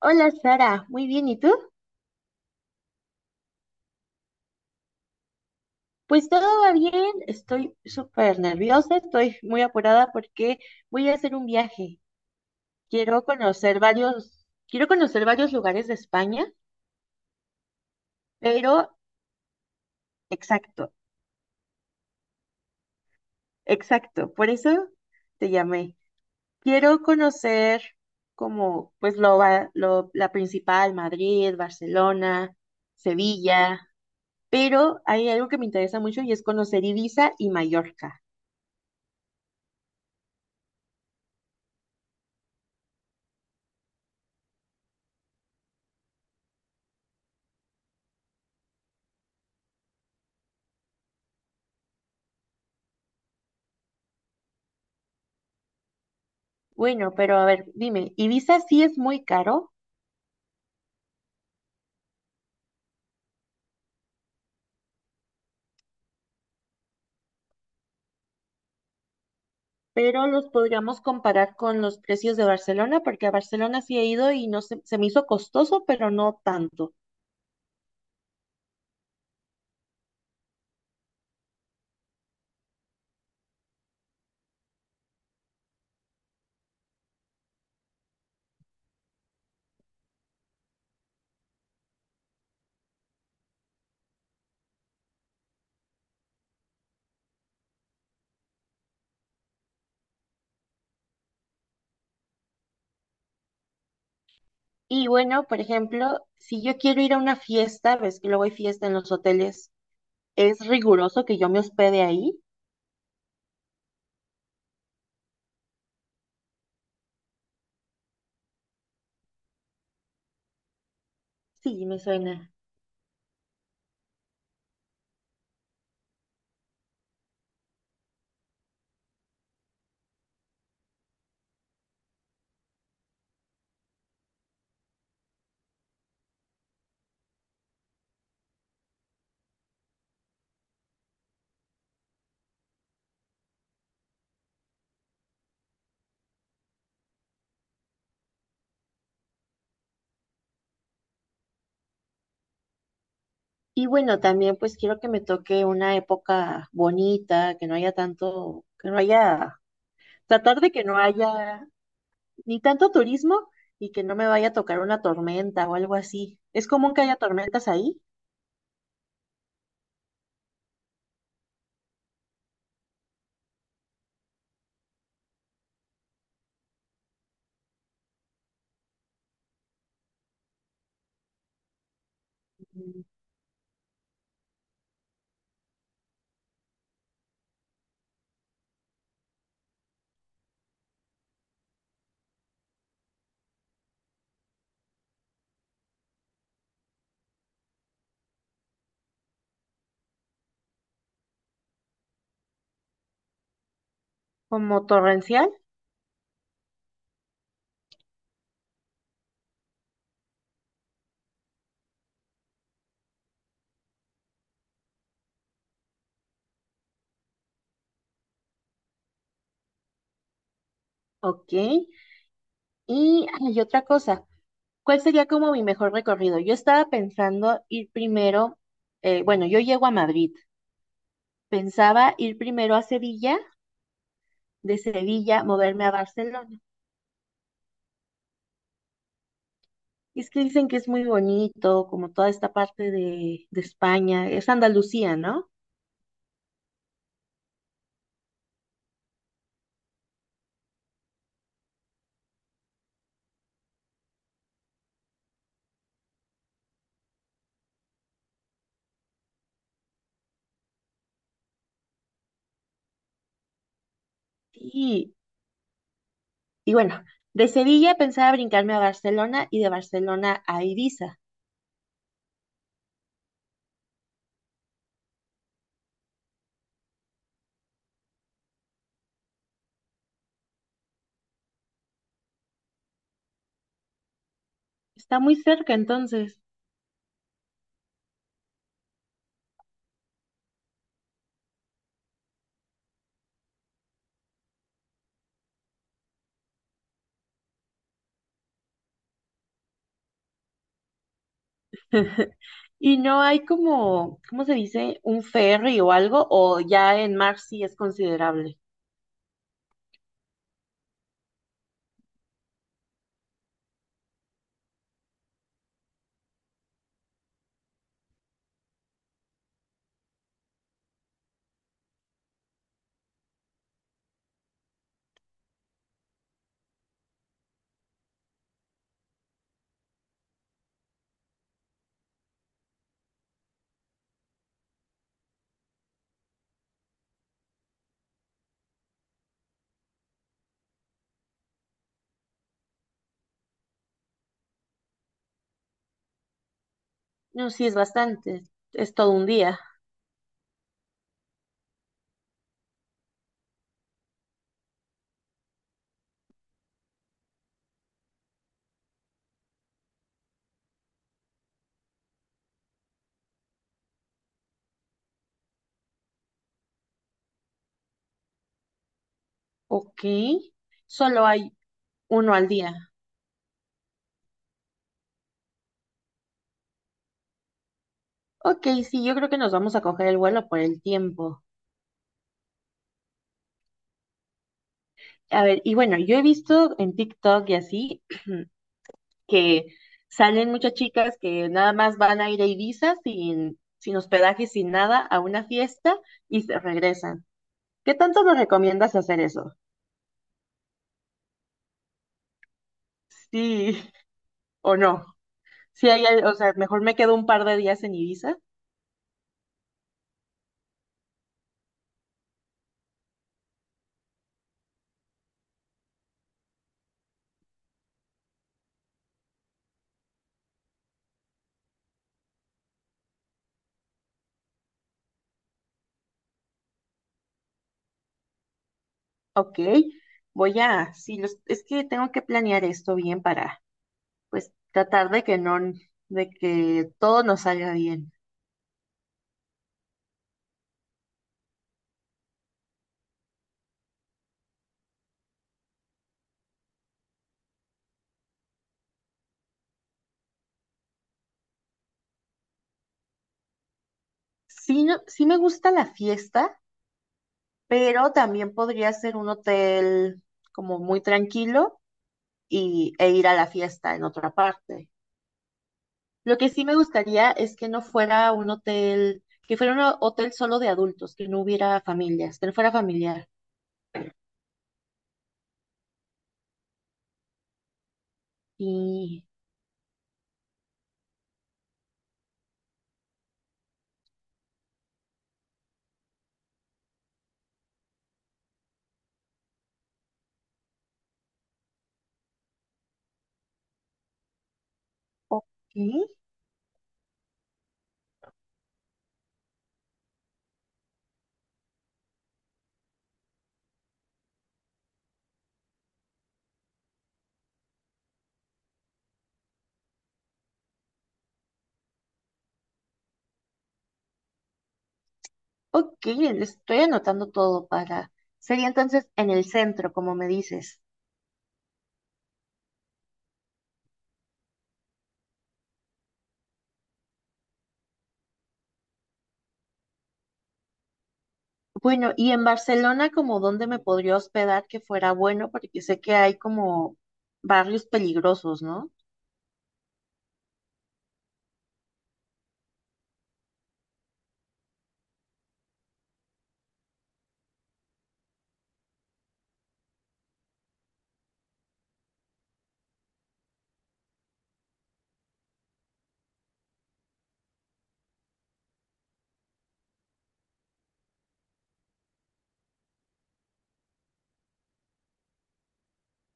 Hola Sara, muy bien, ¿y tú? Pues todo va bien, estoy súper nerviosa, estoy muy apurada porque voy a hacer un viaje. Quiero conocer varios lugares de España, pero exacto, exacto, por eso te llamé. Quiero conocer como pues lo, lo la principal, Madrid, Barcelona, Sevilla, pero hay algo que me interesa mucho y es conocer Ibiza y Mallorca. Bueno, pero a ver, dime, Ibiza sí es muy caro, pero los podríamos comparar con los precios de Barcelona, porque a Barcelona sí he ido y no se me hizo costoso, pero no tanto. Y bueno, por ejemplo, si yo quiero ir a una fiesta, ves que luego hay fiesta en los hoteles, ¿es riguroso que yo me hospede ahí? Sí, me suena. Y bueno, también pues quiero que me toque una época bonita, que no haya tanto, que no haya, tratar de que no haya ni tanto turismo y que no me vaya a tocar una tormenta o algo así. ¿Es común que haya tormentas ahí? Mm. ¿Como torrencial? Ok. Y hay otra cosa. ¿Cuál sería como mi mejor recorrido? Yo estaba pensando ir primero, bueno, yo llego a Madrid. Pensaba ir primero a Sevilla, de Sevilla moverme a Barcelona. Y es que dicen que es muy bonito, como toda esta parte de España, es Andalucía, ¿no? Sí, y bueno, de Sevilla pensaba brincarme a Barcelona y de Barcelona a Ibiza. Está muy cerca entonces. Y no hay como, ¿cómo se dice? Un ferry o algo, o ya en mar sí es considerable. No, sí es bastante, es todo un día. Ok, solo hay uno al día. Ok, sí, yo creo que nos vamos a coger el vuelo por el tiempo. A ver, y bueno, yo he visto en TikTok y así que salen muchas chicas que nada más van a ir a Ibiza sin hospedaje, sin nada, a una fiesta y se regresan. ¿Qué tanto nos recomiendas hacer eso? Sí o no. Si hay, o sea, mejor me quedo un par de días en Ibiza. Ok, voy a, sí, es que tengo que planear esto bien para, pues, tratar de que no, de que todo nos salga bien. Sí, no, sí me gusta la fiesta, pero también podría ser un hotel como muy tranquilo y, e ir a la fiesta en otra parte. Lo que sí me gustaría es que no fuera un hotel, que fuera un hotel solo de adultos, que no hubiera familias, que no fuera familiar. Y, ok, ok, estoy anotando todo para... sería entonces en el centro, como me dices. Bueno, y en Barcelona, como dónde me podría hospedar que fuera bueno, porque sé que hay como barrios peligrosos, ¿no?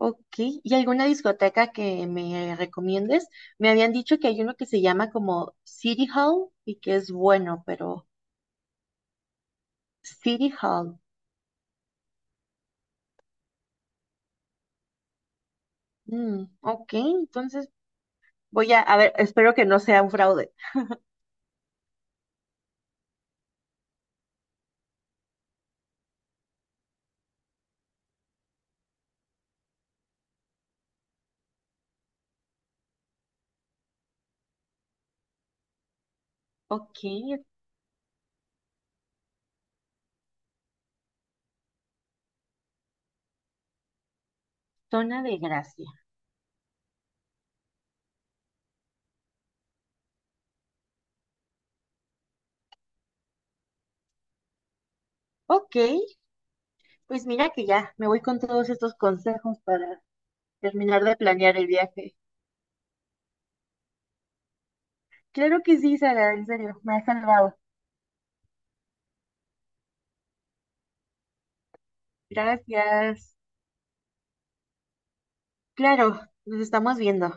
Ok, ¿y alguna discoteca que me recomiendes? Me habían dicho que hay uno que se llama como City Hall y que es bueno, pero City Hall. Mm, ok, entonces voy a ver, espero que no sea un fraude. Ok, zona de gracia. Ok, pues mira que ya me voy con todos estos consejos para terminar de planear el viaje. Claro que sí, Sara, en serio, me ha salvado. Gracias. Claro, nos estamos viendo.